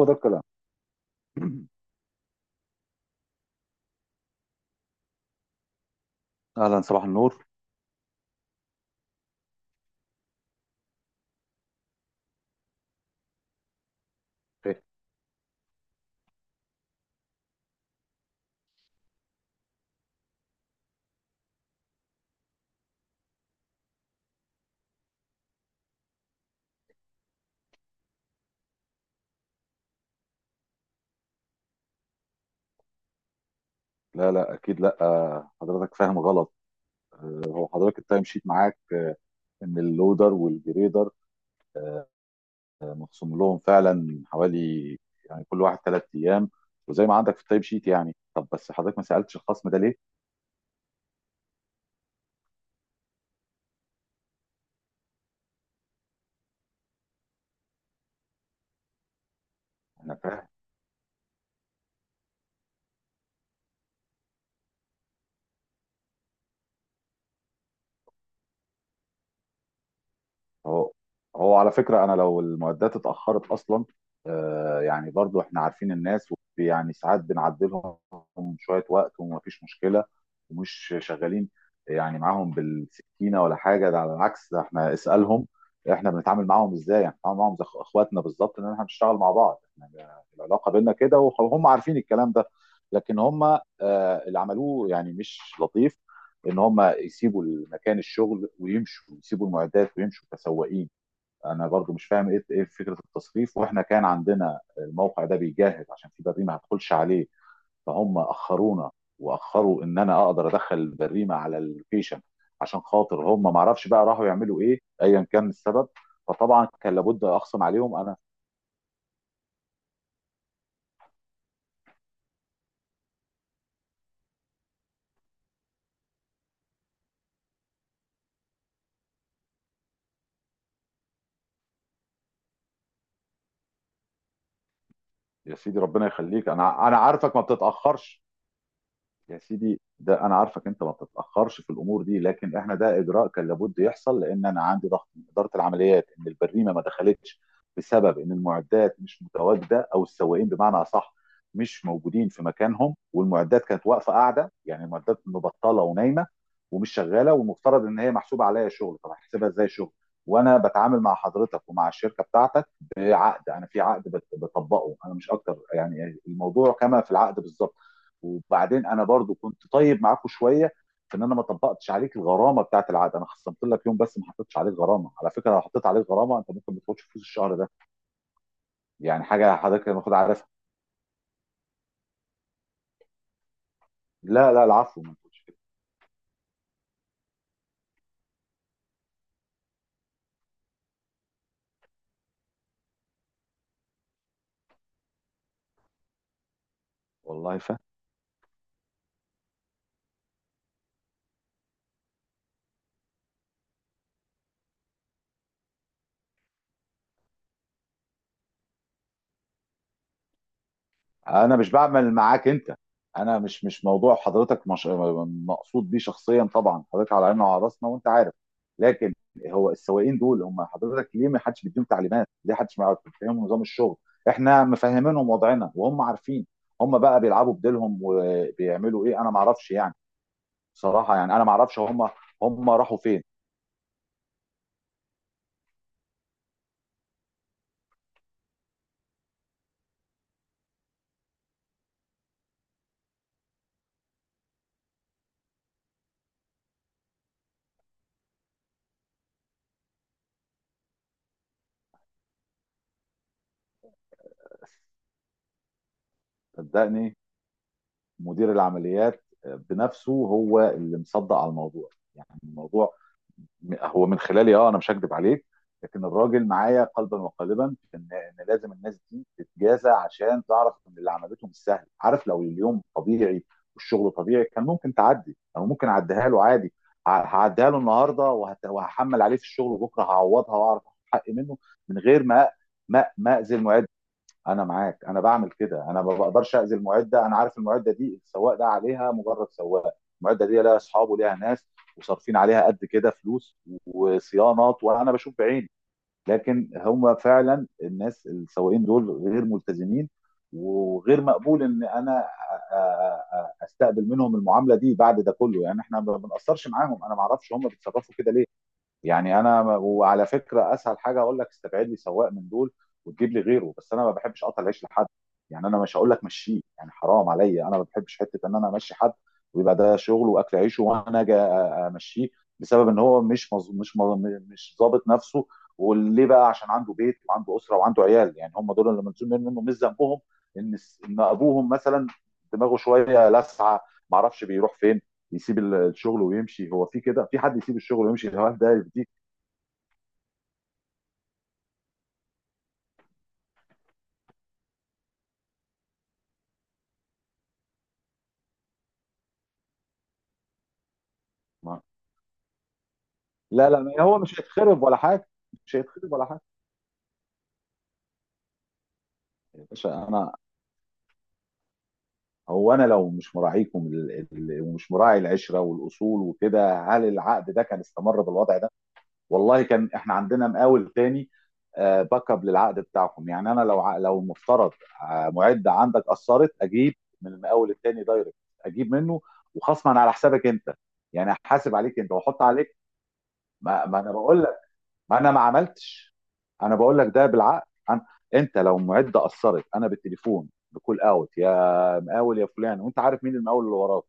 هو ده الكلام. اهلا، صباح النور. إيه؟ لا لا اكيد لا، حضرتك فاهم غلط. هو حضرتك التايم شيت معاك؟ ان اللودر والجريدر مخصوم لهم فعلا حوالي، يعني كل واحد 3 ايام، وزي ما عندك في التايم شيت. يعني طب بس حضرتك ما سالتش الخصم ده ليه؟ انا فاهم. هو هو على فكرة أنا لو المعدات اتأخرت أصلا، يعني برضو إحنا عارفين الناس، يعني ساعات بنعدلهم شوية وقت ومفيش مشكلة ومش شغالين، يعني معاهم بالسكينة ولا حاجة. ده على العكس، ده إحنا اسألهم إحنا بنتعامل معاهم إزاي. يعني بنتعامل معاهم زي إخواتنا بالظبط، إن إحنا بنشتغل مع بعض، إحنا العلاقة بينا كده وهم عارفين الكلام ده. لكن هم اللي عملوه يعني مش لطيف، ان هم يسيبوا مكان الشغل ويمشوا، يسيبوا المعدات ويمشوا كسواقين. انا برضو مش فاهم ايه فكره التصريف، واحنا كان عندنا الموقع ده بيجهز عشان في بريمه ما هتدخلش عليه، فهم اخرونا واخروا ان انا اقدر ادخل البريمه على اللوكيشن. عشان خاطر هم ما اعرفش بقى راحوا يعملوا ايه، ايا كان السبب فطبعا كان لابد اخصم عليهم انا. يا سيدي ربنا يخليك، انا عارفك ما بتتاخرش. يا سيدي ده انا عارفك انت ما بتتاخرش في الامور دي، لكن احنا ده اجراء كان لابد يحصل، لان انا عندي ضغط من اداره العمليات ان البريمه ما دخلتش بسبب ان المعدات مش متواجده، او السواقين بمعنى اصح مش موجودين في مكانهم، والمعدات كانت واقفه قاعده، يعني المعدات مبطله ونايمه ومش شغاله، والمفترض ان هي محسوبه عليا شغل. طب هحسبها ازاي شغل وانا بتعامل مع حضرتك ومع الشركه بتاعتك بعقد؟ انا في عقد بطبقه، انا مش اكتر، يعني الموضوع كما في العقد بالظبط. وبعدين انا برضو كنت طيب معاكم شويه في ان انا ما طبقتش عليك الغرامه بتاعت العقد. انا خصمت لك يوم بس ما حطيتش عليك غرامه. على فكره لو حطيت عليك غرامه انت ممكن ما تاخدش فلوس الشهر ده، يعني حاجه حضرتك المفروض عارفها. لا لا العفو، ما تقولش كده. والله انا مش بعمل معاك انت، انا مش، مش موضوع حضرتك مش مقصود بيه شخصيا. طبعا حضرتك على عيننا وعلى راسنا وانت عارف. لكن هو السواقين دول، هم حضرتك ليه ما حدش بيديهم تعليمات؟ ليه حدش ما يعرف- بيفهمهم نظام الشغل؟ احنا مفهمينهم وضعنا وهم عارفين. هم بقى بيلعبوا بديلهم وبيعملوا ايه انا ما اعرفش يعني. بصراحه يعني انا ما اعرفش، هم راحوا فين. صدقني مدير العمليات بنفسه هو اللي مصدق على الموضوع. يعني الموضوع هو من خلالي، اه انا مش هكذب عليك، لكن الراجل معايا قلبا وقالبا في ان لازم الناس دي تتجازى عشان تعرف ان اللي عملته مش سهل. عارف لو اليوم طبيعي والشغل طبيعي كان ممكن تعدي، او ممكن اعديها له عادي. هعديها له النهارده، وهحمل عليه في الشغل وبكره هعوضها واعرف اخد حقي منه من غير ما ما اذي المعد. انا معاك، انا بعمل كده. انا ما بقدرش اذي المعده، انا عارف المعده دي السواق ده عليها مجرد سواق. المعده دي لها اصحاب وليها ناس وصارفين عليها قد كده فلوس وصيانات وانا بشوف بعيني. لكن هم فعلا الناس السواقين دول غير ملتزمين، وغير مقبول ان انا استقبل منهم المعامله دي بعد ده كله. يعني احنا ما بنقصرش معاهم، انا ما اعرفش هم بيتصرفوا كده ليه. يعني وعلى فكره اسهل حاجه اقول لك استبعد لي سواق من دول وتجيب لي غيره، بس انا ما بحبش اقطع العيش لحد. يعني انا مش هقول لك مشيه، يعني حرام عليا. انا ما بحبش حته ان انا امشي حد ويبقى ده شغله واكل عيشه وانا اجي امشيه، بسبب ان هو مش ظابط نفسه. وليه بقى؟ عشان عنده بيت وعنده اسره وعنده عيال، يعني هم دول اللي ملزوم منه، مش ذنبهم ان ان ابوهم مثلا دماغه شويه لسعه، ما اعرفش بيروح فين، يسيب الشغل ويمشي. هو في كده؟ في حد يسيب الشغل ويمشي؟ الهواف ده يفديك. ما- لا لا، ما هو مش هيتخرب ولا حاجه، مش هيتخرب ولا حاجه. يا باشا انا، هو انا لو مش مراعيكم ومش مراعي العشره والاصول وكده، هل العقد ده كان استمر بالوضع ده؟ والله كان احنا عندنا مقاول تاني، باك اب للعقد بتاعكم. يعني انا لو لو مفترض معده عندك قصرت اجيب من المقاول التاني دايركت، اجيب منه وخصما على حسابك انت. يعني احاسب عليك انت واحط عليك، ما انا بقول، ما انا ما عملتش، انا بقول لك ده بالعقل أنا. انت لو معده قصرت انا بالتليفون بكول اوت، يا مقاول يا فلان وانت عارف مين المقاول اللي وراك.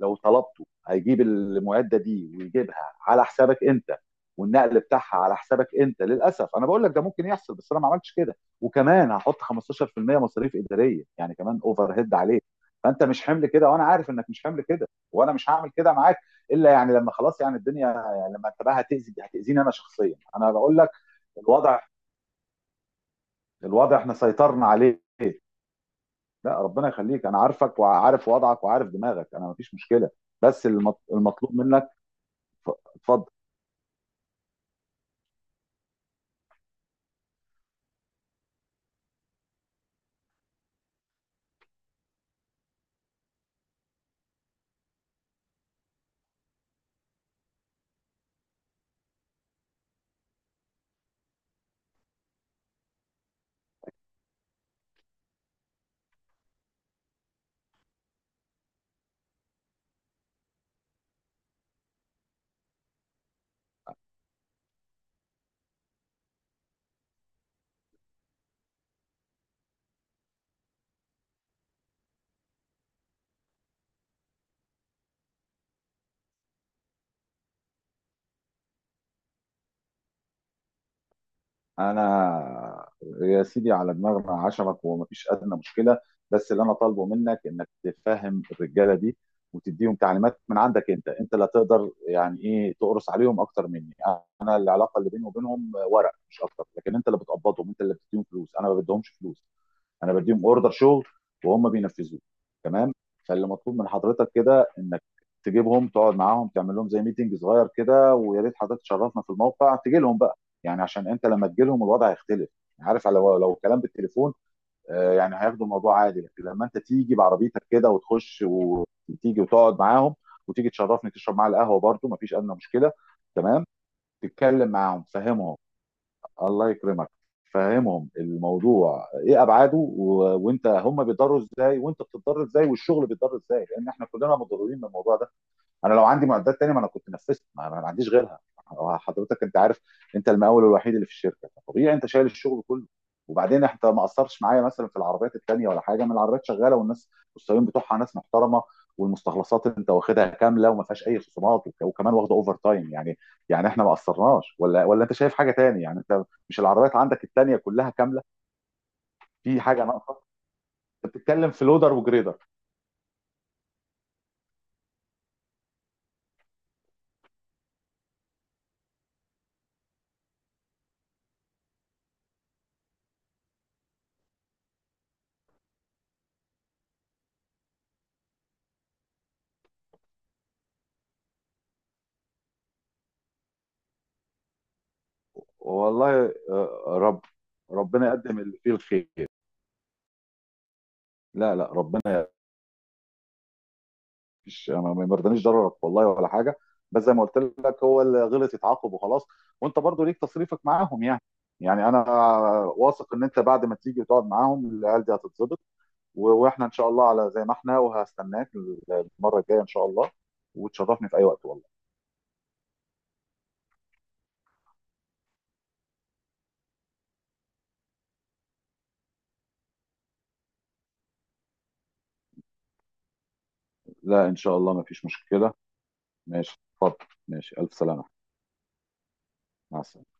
لو طلبته هيجيب المعده دي ويجيبها على حسابك انت، والنقل بتاعها على حسابك انت للاسف. انا بقول لك ده ممكن يحصل، بس انا ما عملتش كده، وكمان هحط 15% مصاريف اداريه، يعني كمان اوفر هيد عليك. فانت مش حمل كده وانا عارف انك مش حمل كده، وانا مش هعمل كده معاك الا يعني لما خلاص يعني الدنيا، لما انت بقى هتاذي، هتاذيني انا شخصيا، انا بقول لك الوضع، الوضع احنا سيطرنا عليه. لا ربنا يخليك، انا عارفك وعارف وضعك وعارف دماغك، انا مفيش مشكله. بس المطلوب منك ف- اتفضل. انا يا سيدي على دماغنا، عشمك ومفيش ادنى مشكله. بس اللي انا طالبه منك انك تفهم الرجاله دي وتديهم تعليمات من عندك انت. انت لا تقدر يعني ايه تقرص عليهم اكتر مني. انا العلاقه اللي بيني وبينهم ورق مش اكتر، لكن انت اللي بتقبضهم، انت اللي بتديهم فلوس. انا ما بديهمش فلوس، انا بديهم اوردر شغل وهم بينفذوه، تمام. فاللي مطلوب من حضرتك كده انك تجيبهم تقعد معاهم تعمل لهم زي ميتنج صغير كده. ويا ريت حضرتك تشرفنا في الموقع، تجي لهم بقى. يعني عشان انت لما تجي لهم الوضع هيختلف. يعني عارف، لو الكلام بالتليفون يعني هياخدوا الموضوع عادي، لكن لما انت تيجي بعربيتك كده وتخش وتيجي وتقعد معاهم وتيجي تشرفني تشرب معايا القهوه برده مفيش ادنى مشكله، تمام. تتكلم معاهم تفهمهم، الله يكرمك. فهمهم الموضوع ايه ابعاده، و... وانت هم بيتضروا ازاي وانت بتتضر ازاي والشغل بيتضر ازاي، لان احنا كلنا متضررين من الموضوع ده. انا لو عندي معدات تانية ما انا كنت نفذت، ما انا ما عنديش غيرها. هو حضرتك انت عارف، انت المقاول الوحيد اللي في الشركه، فطبيعي انت شايل الشغل كله. وبعدين انت ما قصرتش معايا مثلا في العربيات التانية، ولا حاجه من العربيات شغاله والناس والسواقين بتوعها ناس محترمه، والمستخلصات انت واخدها كامله وما فيهاش اي خصومات، وكمان واخده اوفر تايم يعني. يعني احنا ما قصرناش، ولا انت شايف حاجه تاني؟ يعني انت مش العربيات عندك التانية كلها كامله؟ في حاجه ناقصه؟ انت بتتكلم في لودر وجريدر. والله، آه، رب ربنا يقدم اللي فيه الخير. لا لا، ربنا مش، ما يرضانيش ضررك والله ولا حاجه. بس زي ما قلت لك هو اللي غلط يتعاقب وخلاص، وانت برضو ليك تصريفك معاهم يعني. يعني انا واثق ان انت بعد ما تيجي وتقعد معاهم العيال دي هتتظبط. واحنا ان شاء الله على زي ما احنا، وهستناك المره الجايه ان شاء الله. وتشرفني في اي وقت والله. لا ان شاء الله ما فيش مشكله، ماشي اتفضل، ماشي الف سلامه، مع السلامه.